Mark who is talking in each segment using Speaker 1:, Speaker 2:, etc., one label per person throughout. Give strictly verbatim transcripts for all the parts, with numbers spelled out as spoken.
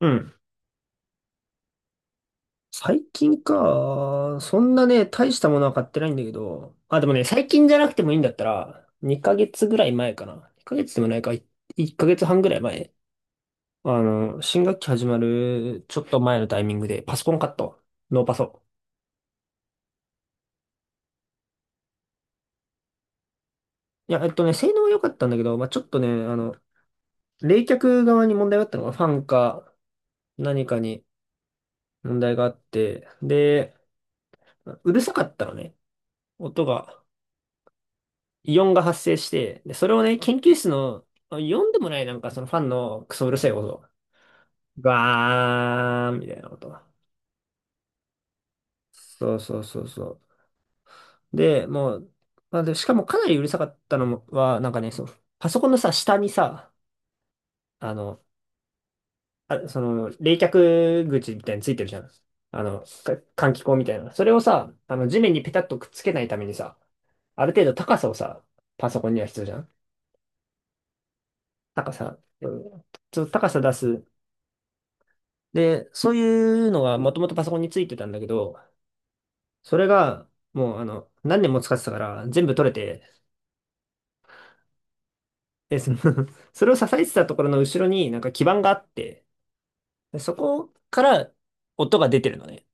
Speaker 1: うん。最近か。そんなね、大したものは買ってないんだけど。あ、でもね、最近じゃなくてもいいんだったら、にかげつぐらい前かな。にかげつでもないか、いいっかげつはんぐらい前。あの、新学期始まるちょっと前のタイミングで、パソコン買った。ノーパソ。いや、えっとね、性能は良かったんだけど、まあ、ちょっとね、あの、冷却側に問題があったのが、ファンか何かに問題があって、で、うるさかったのね。音が。イオンが発生して、で、それをね、研究室の、イオンでもない、なんかそのファンのクソうるさい音、ガーンみたいなこと。そうそうそうそう。で、もう、まあ、で、しかもかなりうるさかったのもは、なんかね、そう、パソコンのさ、下にさ、あの、あ、その、冷却口みたいについてるじゃん。あの、か換気口みたいな。それをさ、あの、地面にペタッとくっつけないためにさ、ある程度高さをさ、パソコンには必要じゃん。高さ、うん、そう高さ出す。で、そういうのがもともとパソコンについてたんだけど、それがもうあの、何年も使ってたから全部取れて、で、その それを支えてたところの後ろになんか基板があって、でそこから音が出てるのね。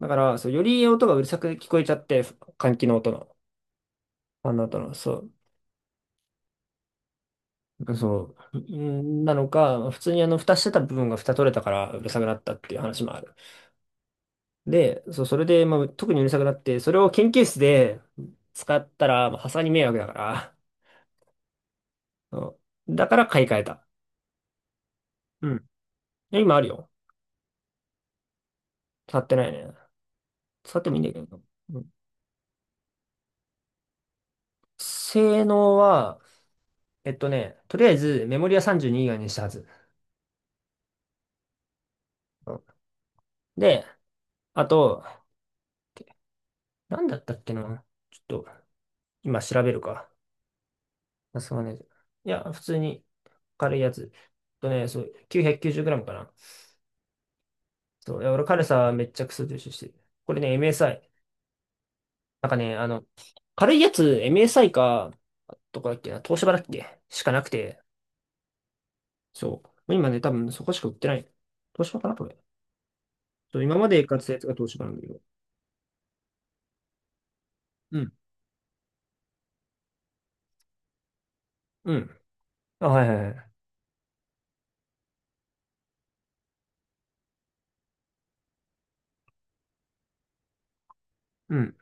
Speaker 1: だから、そう、より音がうるさく聞こえちゃって、換気の音の、あの音の、そう、そう、んなのか、普通にあの、蓋してた部分が蓋取れたからうるさくなったっていう話もある。で、そう、それで、まあ、特にうるさくなって、それを研究室で使ったら、まあ、さすがに迷惑だから、うん、だから買い替えた。うん。で今あるよ。使ってないね。使ってもいいんだけど。うん。性能は、えっとね、とりあえずメモリはさんじゅうに以外にしたはず。うん。で、あと、なんだったっけな。ちょっと、今調べるか。さすがね。いや、普通に軽いやつ。えっとね、そう、きゅうひゃくきゅうじゅうグラム かな。そう、いや俺軽さめっちゃクソ重視してる。これね、エムエスアイ。なんかね、あの、軽いやつ、エムエスアイ か、どこだっけな、東芝だっけしかなくて、そう。もう今ね、多分そこしか売ってない。東芝かなこれ。そう、今まで買ってたやつが東芝なんだけど。うん。うん。あ、はいはいはい。うん。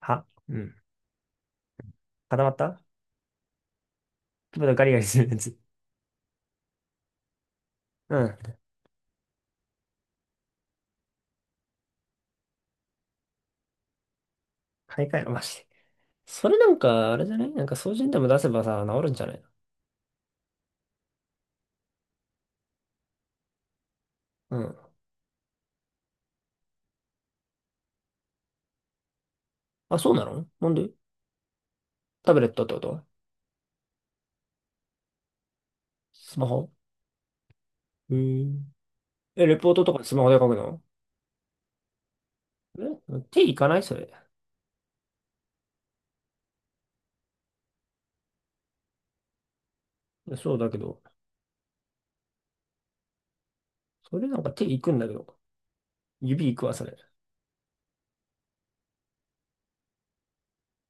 Speaker 1: は、うん。固まった。ちょっとガリガリするやつ。うん。買い替えろ、マジで。それなんか、あれじゃない、なんか、掃除にでも出せばさ、治るんじゃないの？うん。あ、そうなの？なんで？タブレットってこと？スマホ？うーん。え、レポートとかスマホで書くの？え、手いかないそれ。いやそうだけど。それなんか手いくんだけど。指いくわ、それ。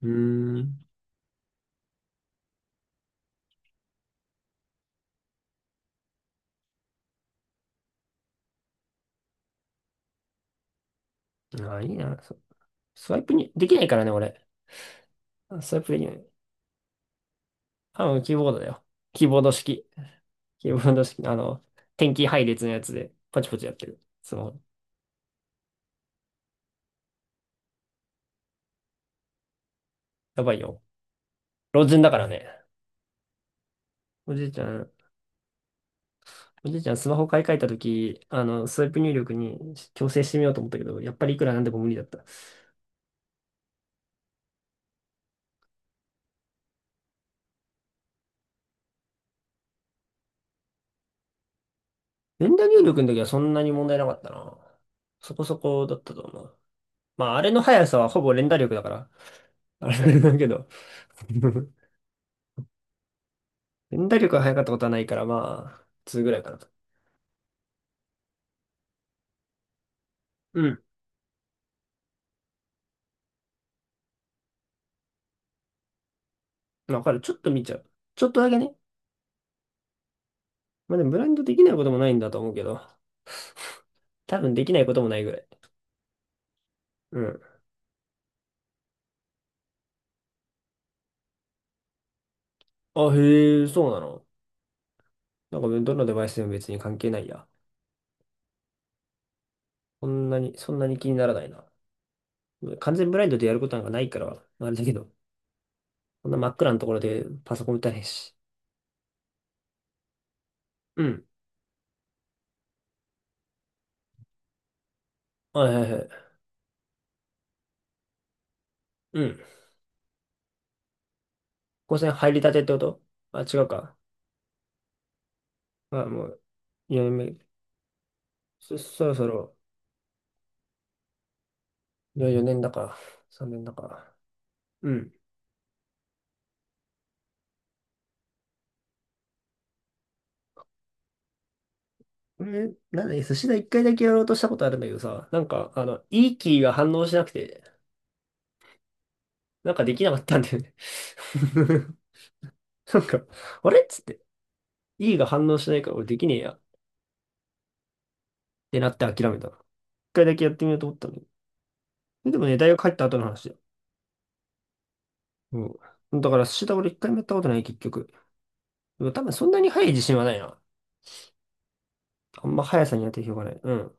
Speaker 1: うーん。あ、いいな。スワイプに、できないからね、俺。スワイプできない。多分キーボードだよ。キーボード式。キーボード式、あの、点キー配列のやつで、パチパチやってる。スマホ。やばいよ。老人だからね。おじいちゃん、おじいちゃんスマホ買い替えたとき、あの、スワイプ入力に調整してみようと思ったけど、やっぱりいくらなんでも無理だった。連打入力の時はそんなに問題なかったな。そこそこだったと思う。まあ、あれの速さはほぼ連打力だから。あれだけど。連打力が速かったことはないから、まあ、にぐらいかなと。うん。まあ、わかる。ちょっと見ちゃう。ちょっとだけね。まあでもブラインドできないこともないんだと思うけど、多分できないこともないぐらい。うん。あ、へえ、そうなの。なんかどのデバイスでも別に関係ないや。そんなに、そんなに気にならないな。完全ブラインドでやることなんかないから、あれだけど、こんな真っ暗なところでパソコン打たないし。うん。はいはいはい。うん。光線入りたてってこと？あ、違うか。あ、もう、よねんめ。そ、そろそろ、いやよよねんだか、さんねんだか。うん。え、なんで、寿司だ一回だけやろうとしたことあるんだけどさ、なんか、あの、いいキーが反応しなくて、なんかできなかったんだよね。なんか、あれっつって、いいが反応しないから俺できねえや。ってなって諦めた。一回だけやってみようと思ったのに。でもね、大学入った後の話だよ。うん。だから寿司だ俺一回もやったことない、結局。でも多分そんなに速い自信はないな。あんま速さには定評がない。うん。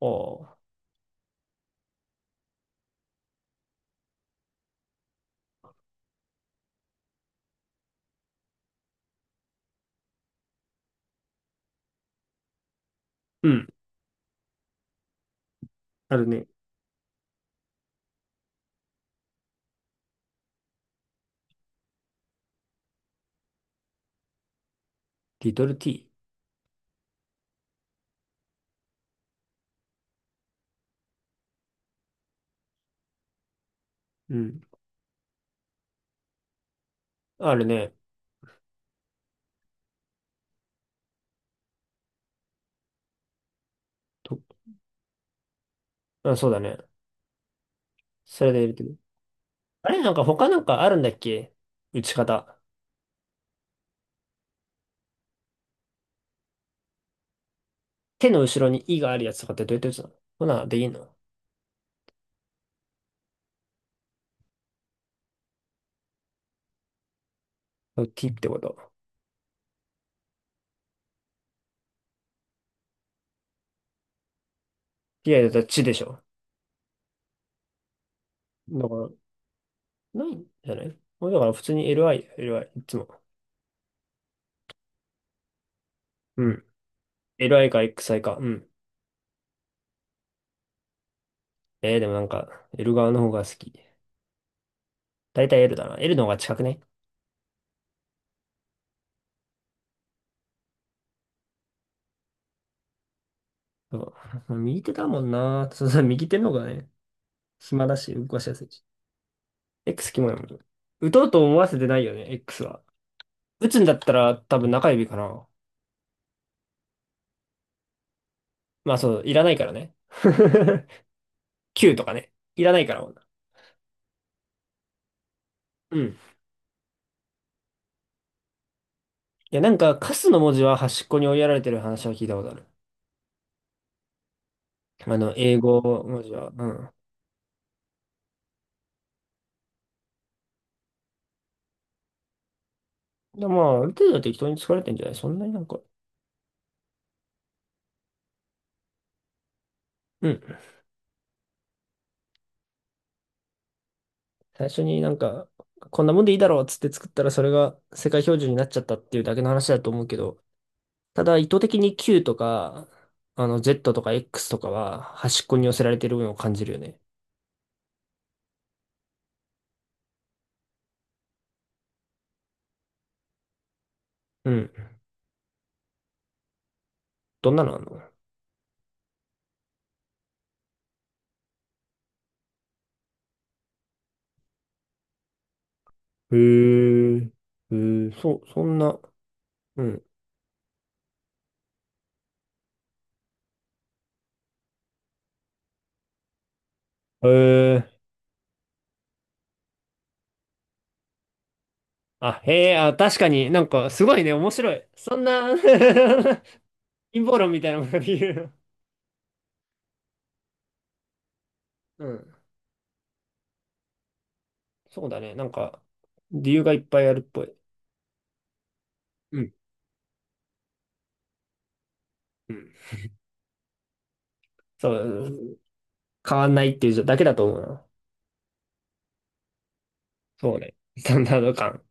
Speaker 1: ああ。うん。あるね。リトル T。うん。あるね。と、あ、そうだね。それで入れてる。あれなんか他なんかあるんだっけ？打ち方。手の後ろに「い」があるやつとかってどうやって打つの？ほな、でいいの？ t ってこと。いやいや、だからちでしょ。だから、ないんじゃない？もうだから普通に LI、LI、いつも。うん。LI か XI か。うん。えー、でもなんか、L 側の方が好き。だいたい L だな。L の方が近くね。そう。右手だもんな。そうそう、右手の方がね、暇だし、動かしやすいし。X キモいもん。打とうと思わせてないよね、X は。打つんだったら多分中指かな。まあそう、いらないからね。Q とかね。いらないから、女、うん。いや、なんか、カスの文字は端っこに追いやられてる話は聞いたことある。あの、英語文字は。うん。でも、まあ、ある程度は適当に作られてんじゃない？そんなになんか。うん。最初になんか、こんなもんでいいだろうっつって作ったら、それが世界標準になっちゃったっていうだけの話だと思うけど、ただ、意図的に Q とか、あの、Z とか X とかは端っこに寄せられてるのを感じるよね。うん。どんなのあんの？へえ、へえ、そう、そんな。うん。へえ。あ、へえ、あ、確かになんかすごいね、面白い。そんな 陰謀論みたいなものと言う。うん。そうだね、なんか理由がいっぱいあるっぽい。うん。うん。そう、変わんないっていうだけだと思うな。そうね。スタンダード感。